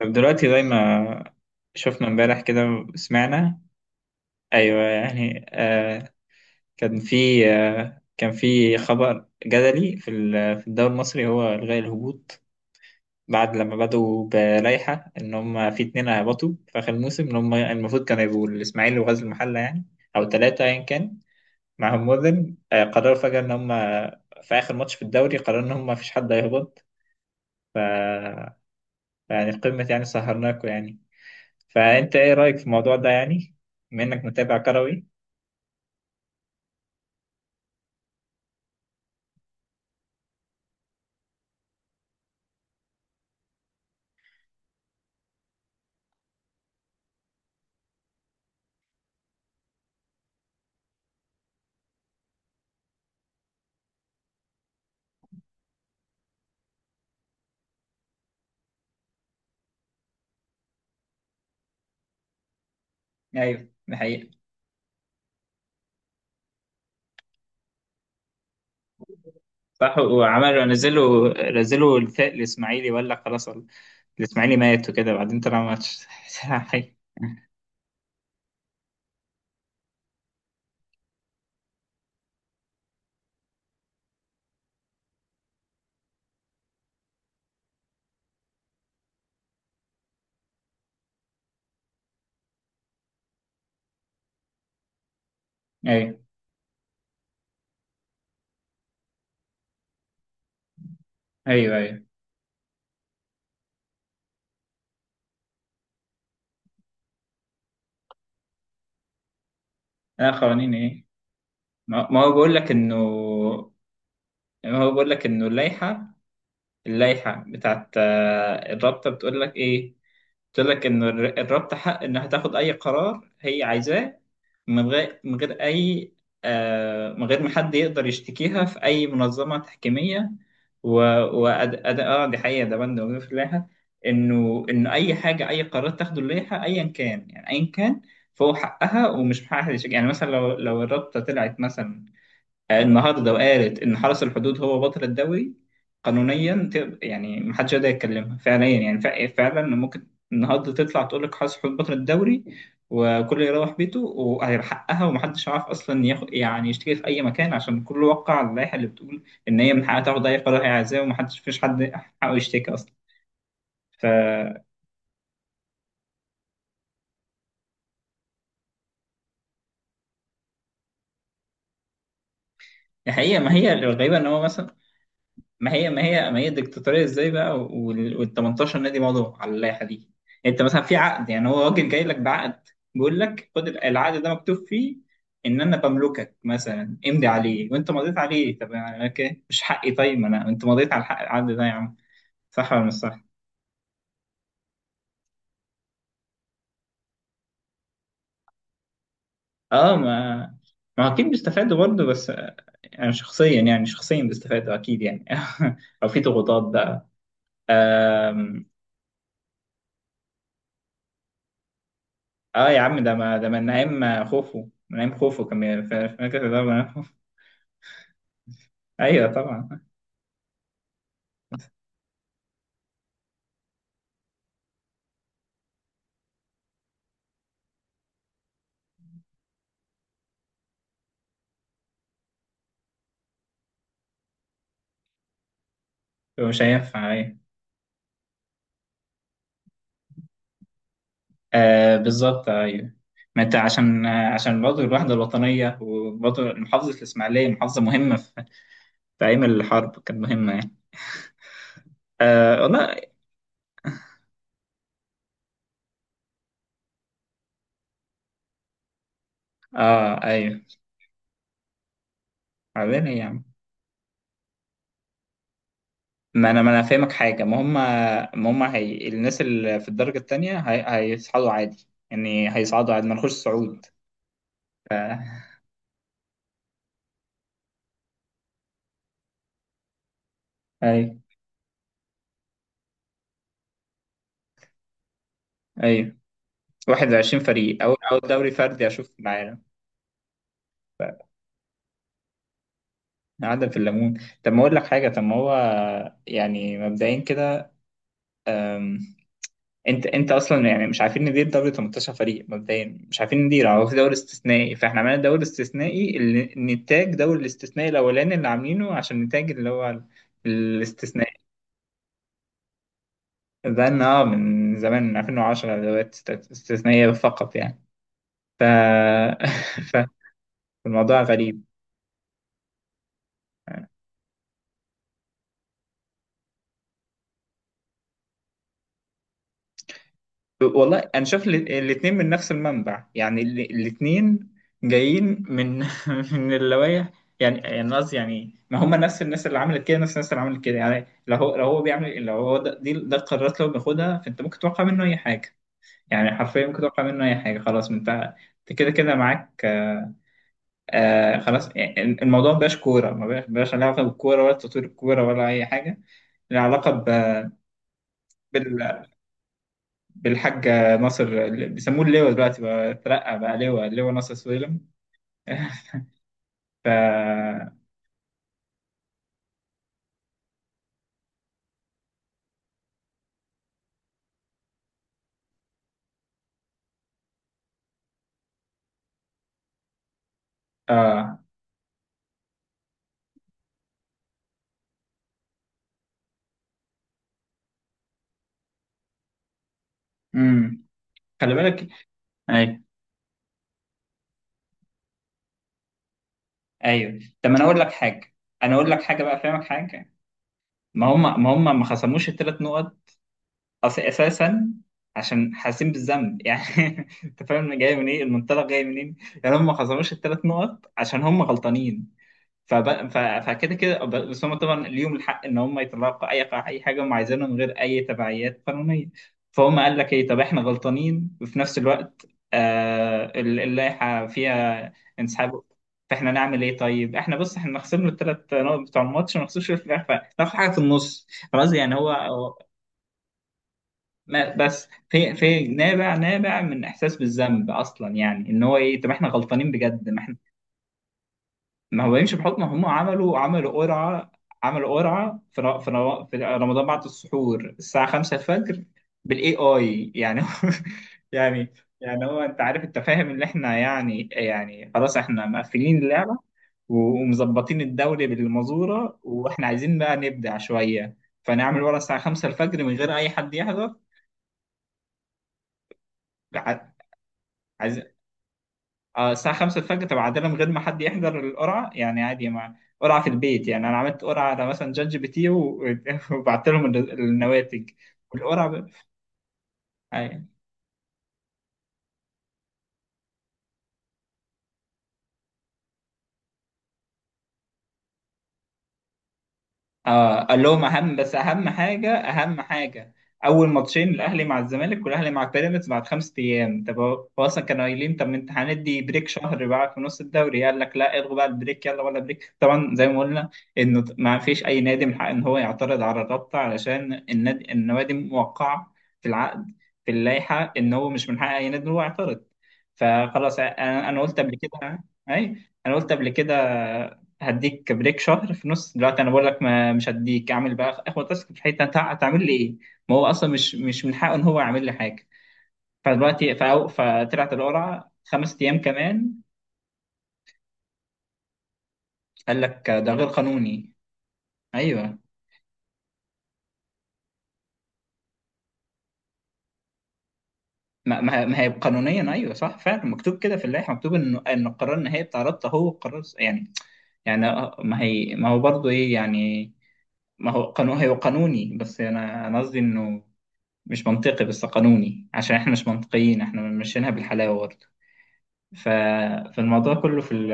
طب، دلوقتي زي ما شفنا امبارح كده وسمعنا. ايوه، يعني، كان في كان في خبر جدلي في الدوري المصري، هو الغاء الهبوط بعد لما بدأوا بلائحة ان هم في اتنين هبطوا في اخر الموسم، ان هم المفروض كانوا يبقوا الاسماعيلي وغزل المحلة، يعني، او ثلاثة ايا كان معاهم مودن. قرروا فجأة ان هم في اخر ماتش في الدوري، قرروا ان هم مفيش حد هيهبط. ف يعني قمة، يعني سهرناكوا يعني. فأنت إيه رأيك في الموضوع ده، يعني، بما إنك متابع كروي؟ ايوه ده حقيقة. صح، وعملوا، نزلوا الفئة الإسماعيلي، ولا خلاص الإسماعيلي مات وكده، بعدين طلع ماتش حي. ايوه، ايوه، ايوه. انا خرانين ايه، ما هو بقول لك انه، ما هو بقول لك انه اللائحة، اللائحة بتاعت الرابطة، بتقول لك إيه. بتقول لك إن الرابطة حق إنها تاخد أي قرار هي عايزاه، من غير أي، من غير ما حد يقدر يشتكيها في أي منظمة تحكيمية. و وأد... أد... آه دي حقيقة، ده بند موجود في اللائحة، إنه أي حاجة، أي قرار تاخده اللائحة أيا كان، يعني أيا كان، فهو حقها ومش حق حد يشتكي. يعني مثلا لو الرابطة طلعت مثلا النهارده، لو قالت ان حرس الحدود هو بطل الدوري، قانونيا يعني محدش يقدر يتكلمها، فعليا يعني، فعلا ممكن النهارده تطلع تقول لك حرس الحدود بطل الدوري، وكل يروح بيته وهيحققها، ومحدش عارف اصلا ياخد، يعني يشتكي في اي مكان، عشان كله وقع على اللائحه اللي بتقول ان هي من حقها تاخد اي قرار هي عايزاه، ومحدش، فيش حد حقه يشتكي اصلا. ف الحقيقه، ما هي الغريبه ان هو مثلا، ما هي ديكتاتورية ازاي بقى، وال 18 نادي مضوا على اللائحة دي. يعني انت مثلا في عقد، يعني هو راجل جاي لك بعقد، بيقول لك خد العقد ده مكتوب فيه ان انا بملكك مثلا، امضي عليه، وانت مضيت عليه. طب يعني اوكي، مش حقي، طيب ما انا، انت مضيت على الحق، العقد ده يا عم. صح ولا مش صح؟ اه، ما اكيد بيستفادوا برضه، بس يعني شخصيا، يعني شخصيا بيستفادوا اكيد يعني، او في ضغوطات بقى. اه يا عم، ده ما ده من نعيم خوفو من نعيم خوفو، كان فاكر ده من نعيم خوفو. ايوه طبعا. مش هينفع، ايوه، بالظبط، ايوه. ما انت، عشان برضه الوحده الوطنيه، وبرضه محافظه الاسماعيليه، محافظه مهمه في، في ايام الحرب كانت مهمه يعني. والله. اه ايوه. عارفين ايه يا عم، ما انا فاهمك حاجه. ما هم هي الناس اللي في الدرجه الثانيه، هي، هيصعدوا عادي، يعني هيصعدوا عادي، ما نخش صعود. ايوه، ايوه. 21 فريق، أول دوري فردي أشوف معانا، قاعدة في الليمون. طب ما أقول لك حاجة، طب ما هو يعني مبدئيا كده، أم، أنت أصلا يعني مش عارفين ندير دوري 18 فريق، مبدئيا مش عارفين ندير. هو في دوري استثنائي، فإحنا عملنا دوري استثنائي اللي نتاج دوري الاستثنائي الأولاني اللي عاملينه عشان نتاج اللي هو الاستثنائي. ده إن من زمان، من 2010 دوريات استثنائية فقط يعني. ف... فالموضوع غريب. والله انا شايف الاثنين من نفس المنبع، يعني الاثنين جايين من، من اللوايح. يعني قصدي يعني، ما هم نفس الناس اللي عملت كده، نفس الناس اللي عملت كده، يعني لو هو بيعمل، لو هو ده دي ده القرارات لو بياخدها، فانت ممكن تتوقع منه اي حاجه. يعني حرفيا ممكن تتوقع منه اي حاجه، خلاص، انت كده كده معاك. خلاص، يعني الموضوع ما بقاش كوره، ما بقاش له علاقه بالكوره، ولا تطوير الكوره، ولا اي حاجه. له علاقه بال بالحاج ناصر، بيسموه اللواء دلوقتي بقى، اترقى بقى لواء، اللواء ناصر سويلم. ف اه، امم، خلي بالك، ايوه، ايوه. طب ما انا اقول لك حاجه، انا اقول لك حاجه بقى، افهمك حاجه، ما هم ما خصموش الثلاث نقط، اساسا عشان حاسين بالذنب يعني. انت فاهم جاي من ايه المنطلق، جاي منين، يعني هم ما خصموش الثلاث نقط عشان هم غلطانين. فكده كده، بس هم طبعا ليهم الحق ان هم يطلعوا اي اي حاجه هم عايزينها من غير اي تبعيات قانونيه. فهم قال لك ايه، طب احنا غلطانين، وفي نفس الوقت اللائحه فيها انسحاب. فاحنا نعمل ايه، طيب احنا، بص، احنا نخصم له الثلاث نقط بتوع الماتش، ما نخصمش في الاخر، ناخد حاجه في النص، خلاص. يعني هو ما، بس في، نابع، نابع من احساس بالذنب اصلا، يعني ان هو ايه، طب احنا غلطانين بجد، ما احنا، ما هو يمشي بحكم. هم عملوا، قرعة، عملوا قرعة في رمضان بعد السحور الساعة 5 الفجر بالاي اي، يعني، يعني، يعني هو انت عارف، انت فاهم ان احنا، يعني، خلاص احنا مقفلين اللعبة، ومظبطين الدوري بالمزورة، واحنا عايزين بقى نبدع شوية، فنعمل ورا الساعة 5 الفجر من غير اي حد يحضر. ع- عايز، اه، الساعة خمسة الفجر، طب عادة من غير ما حد يحضر القرعة، يعني عادي، مع قرعة في البيت يعني. أنا عملت قرعة على مثلا جات جي بي تي وبعت لهم النتائج، والقرعة أي. اه قال لهم اهم بس، اهم حاجه، اول ماتشين الاهلي مع الزمالك، والاهلي مع بيراميدز بعد 5 ايام. طب، هو اصلا كانوا قايلين، طب ما انت هندي بريك شهر بقى في نص الدوري، قال لك لا، الغوا بقى البريك، يلا، ولا بريك طبعا، زي ما قلنا، انه ما فيش اي نادي من حقه ان هو يعترض على الرابطه، علشان النوادي موقعه في العقد، في اللائحه ان هو مش من حق اي نادي ان هو يعترض. فخلاص، أنا قلت قبل كده، اي، انا قلت قبل كده، هديك بريك شهر في نص. دلوقتي انا بقول لك ما مش هديك، اعمل بقى اخد تاسك في حته، تعمل لي ايه. ما هو اصلا مش من حقه ان هو يعمل لي حاجه. فدلوقتي، فطلعت القرعه 5 ايام كمان. قال لك ده غير قانوني. ايوه، ما ما هي قانونيا، ايوه صح، فعلا مكتوب كده في اللائحه، مكتوب ان القرار النهائي بتاع رابطه هو قرار، يعني يعني ما هي، ما هو برضه ايه يعني، ما هو قانون، هو قانوني، بس انا قصدي انه مش منطقي بس قانوني، عشان احنا مش منطقيين، احنا ماشيينها بالحلاوه برضه. ف... فالموضوع كله في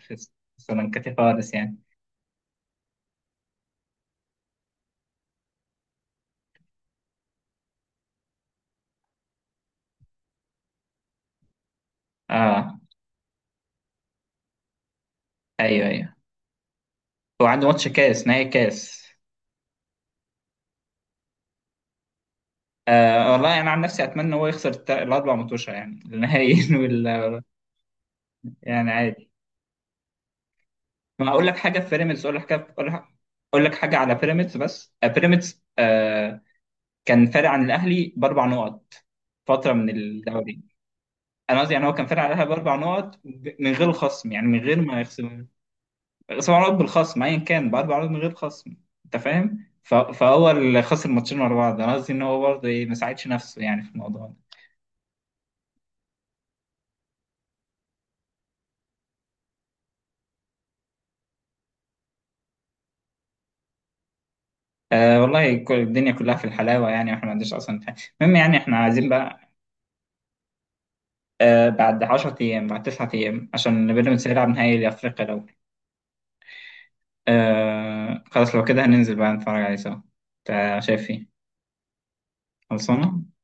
في السلنكاتي خالص يعني. اه، ايوه، ايوه. هو عنده ماتش كاس نهائي، كاس، والله انا عن نفسي اتمنى هو يخسر الاربع ماتشات، يعني النهائيين، يعني عادي. ما اقول لك حاجه في بيراميدز، اقول لك حاجه، اقول لك، أقول لك حاجه على بيراميدز بس، بيراميدز كان فارق عن الاهلي باربع نقط فتره من الدوري. انا قصدي يعني هو كان فارق على الاهلي باربع نقط، من غير خصم، يعني من غير ما يخسر سبع عروض بالخصم، ايا كان باربع عروض من غير خصم، انت فاهم، فهو اللي خسر ماتشين ورا بعض، انا قصدي ان هو برضه ايه، ما ساعدش نفسه يعني في الموضوع ده. والله كل الدنيا كلها في الحلاوه يعني، واحنا ما عندناش اصلا حاجه. المهم يعني احنا عايزين بقى، بعد 10 ايام، بعد 9 ايام، عشان بيراميدز هيلعب نهائي افريقيا لو. خلاص، لو كده هننزل بقى نتفرج عليه سوا. انت شايف ايه؟ خلصانه.